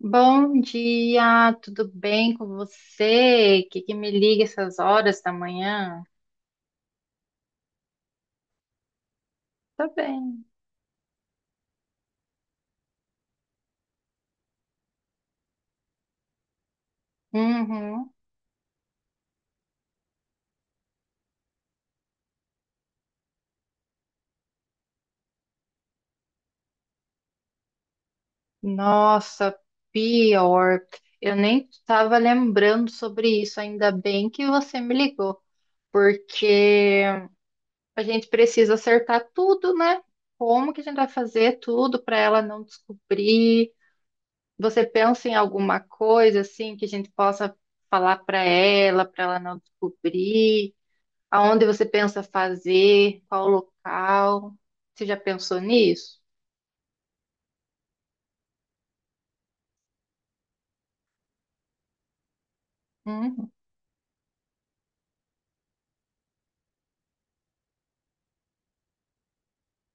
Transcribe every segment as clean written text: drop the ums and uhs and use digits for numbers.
Bom dia, tudo bem com você? Que me liga essas horas da manhã? Tá bem. Uhum. Nossa, pior. Eu nem estava lembrando sobre isso. Ainda bem que você me ligou, porque a gente precisa acertar tudo, né? Como que a gente vai fazer tudo para ela não descobrir? Você pensa em alguma coisa assim que a gente possa falar para ela não descobrir? Aonde você pensa fazer? Qual local? Você já pensou nisso? Uhum.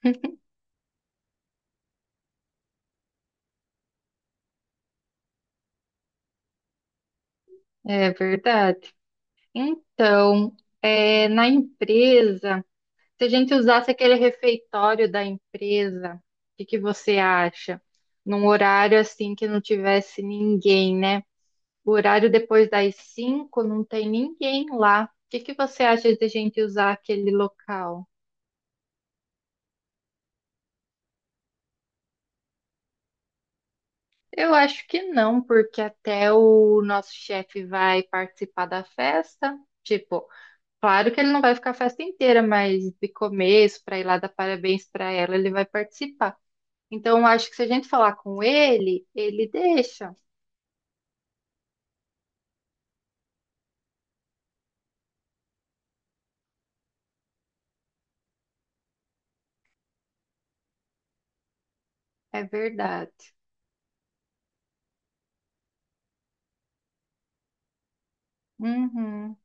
É verdade. Então, na empresa, se a gente usasse aquele refeitório da empresa, o que que você acha? Num horário assim que não tivesse ninguém, né? O horário depois das cinco não tem ninguém lá. O que que você acha de a gente usar aquele local? Eu acho que não, porque até o nosso chefe vai participar da festa. Tipo, claro que ele não vai ficar a festa inteira, mas de começo, para ir lá dar parabéns para ela, ele vai participar. Então, eu acho que se a gente falar com ele, ele deixa. É verdade. Uhum.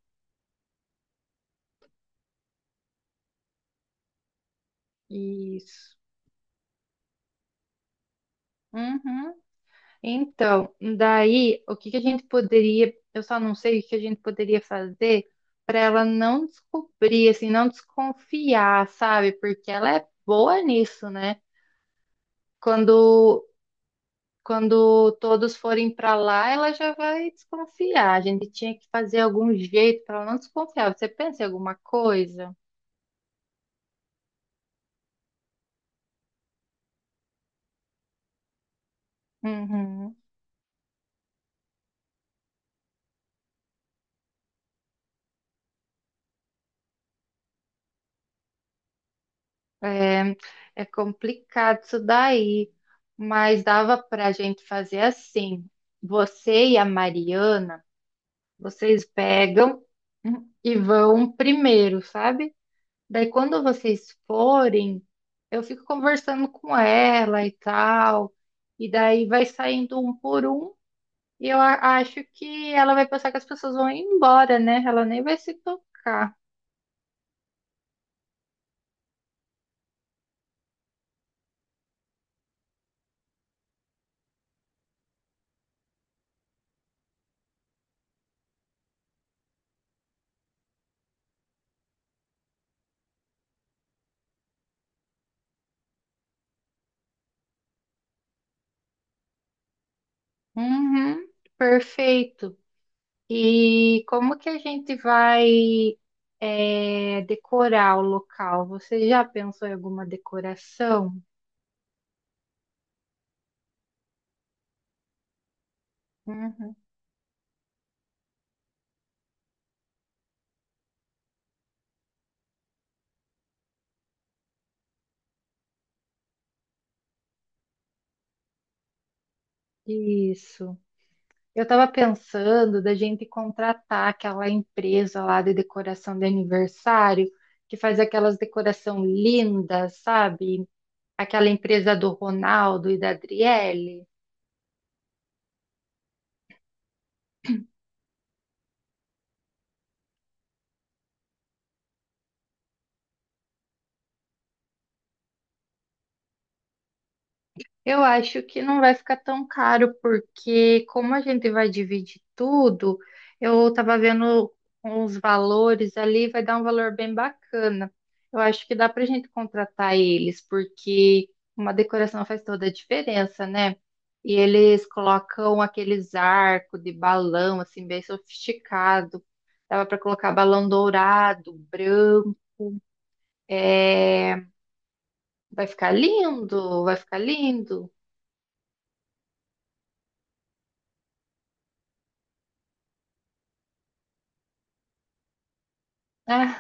Isso. Uhum. Então, daí, o que que a gente poderia, eu só não sei o que a gente poderia fazer para ela não descobrir, assim, não desconfiar, sabe? Porque ela é boa nisso, né? Quando quando todos forem para lá, ela já vai desconfiar. A gente tinha que fazer algum jeito para ela não desconfiar. Você pensa em alguma coisa? Uhum. É, é complicado isso daí, mas dava para a gente fazer assim. Você e a Mariana vocês pegam e vão primeiro, sabe? Daí quando vocês forem, eu fico conversando com ela e tal, e daí vai saindo um por um, e eu acho que ela vai pensar que as pessoas vão embora, né? Ela nem vai se tocar. Uhum, perfeito. E como que a gente vai decorar o local? Você já pensou em alguma decoração? Uhum. Isso. Eu estava pensando da gente contratar aquela empresa lá de decoração de aniversário, que faz aquelas decoração lindas, sabe? Aquela empresa do Ronaldo e da Adriele. Eu acho que não vai ficar tão caro, porque como a gente vai dividir tudo, eu tava vendo os valores ali, vai dar um valor bem bacana. Eu acho que dá pra gente contratar eles, porque uma decoração faz toda a diferença, né? E eles colocam aqueles arcos de balão, assim, bem sofisticado. Dava pra colocar balão dourado, branco. É. Vai ficar lindo, vai ficar lindo. Né?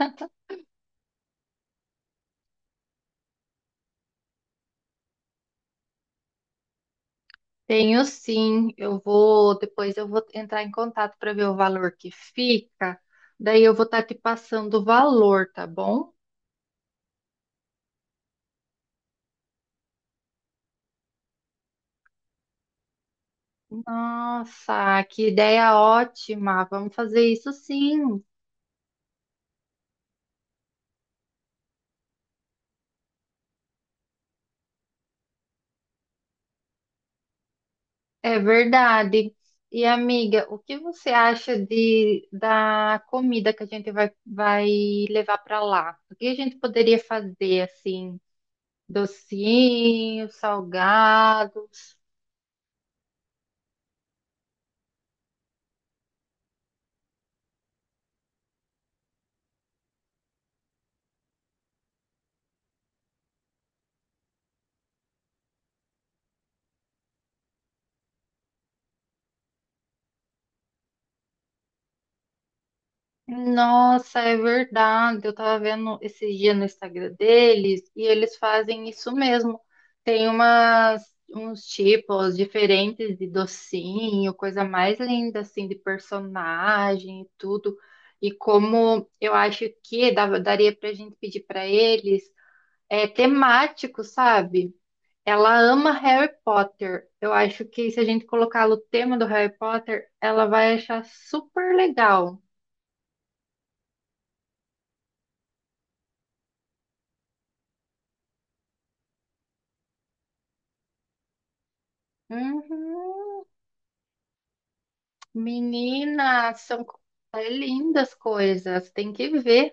Tenho sim, eu vou, depois eu vou entrar em contato para ver o valor que fica. Daí eu vou estar te passando o valor, tá bom? Nossa, que ideia ótima. Vamos fazer isso sim. É verdade. E amiga, o que você acha de da comida que a gente vai levar para lá? O que a gente poderia fazer assim? Docinhos, salgados? Nossa, é verdade. Eu tava vendo esse dia no Instagram deles e eles fazem isso mesmo. Tem uns tipos diferentes de docinho, coisa mais linda assim de personagem e tudo. E como eu acho que daria pra gente pedir pra eles temático, sabe? Ela ama Harry Potter. Eu acho que se a gente colocar o tema do Harry Potter, ela vai achar super legal. Uhum. Menina, é lindas coisas, tem que ver.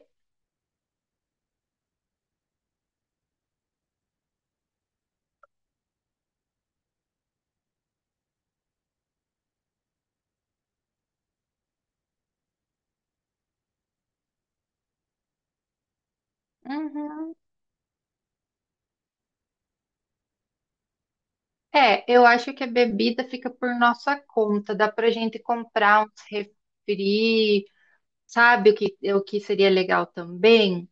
Uhum. É, eu acho que a bebida fica por nossa conta, dá pra gente comprar uns refri, sabe o o que seria legal também?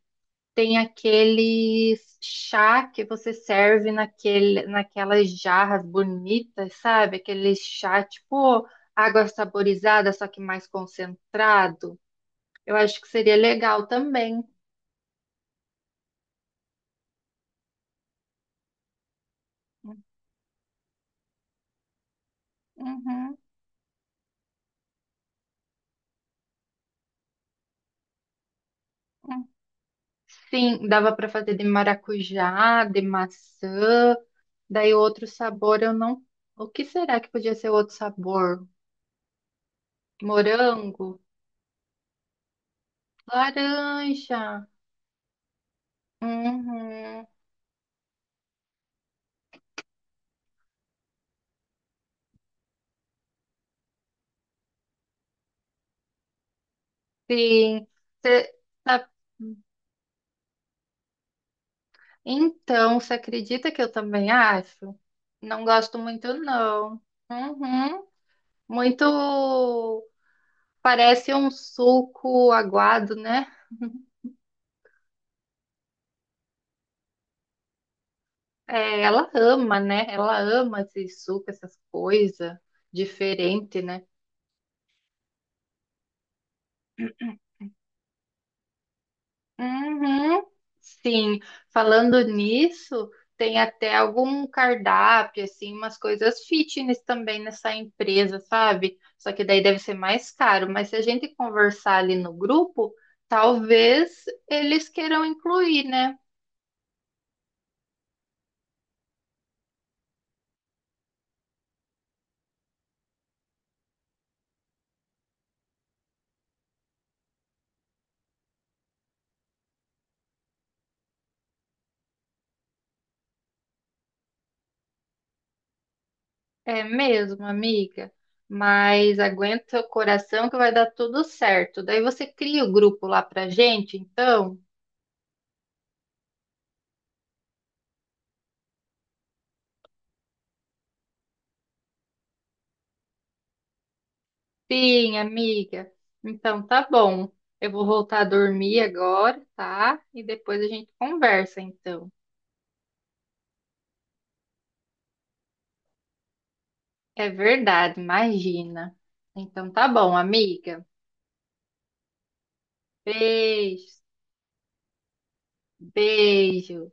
Tem aquele chá que você serve naquelas jarras bonitas, sabe? Aquele chá tipo água saborizada, só que mais concentrado. Eu acho que seria legal também. Uhum, uhum. Sim, dava para fazer de maracujá, de maçã, daí outro sabor eu não. O que será que podia ser outro sabor? Morango, laranja. Uhum, sim. Cê tá- Então, você acredita que eu também acho? Não gosto muito, não. Uhum, muito parece um suco aguado, né? É, ela ama, né? Ela ama esse suco, essas coisas diferente, né? Uhum. Sim, falando nisso, tem até algum cardápio, assim, umas coisas fitness também nessa empresa, sabe? Só que daí deve ser mais caro, mas se a gente conversar ali no grupo, talvez eles queiram incluir, né? É mesmo, amiga. Mas aguenta o coração que vai dar tudo certo. Daí você cria o grupo lá pra gente, então? Sim, amiga. Então tá bom. Eu vou voltar a dormir agora, tá? E depois a gente conversa, então. É verdade, imagina. Então tá bom, amiga. Beijo, beijo.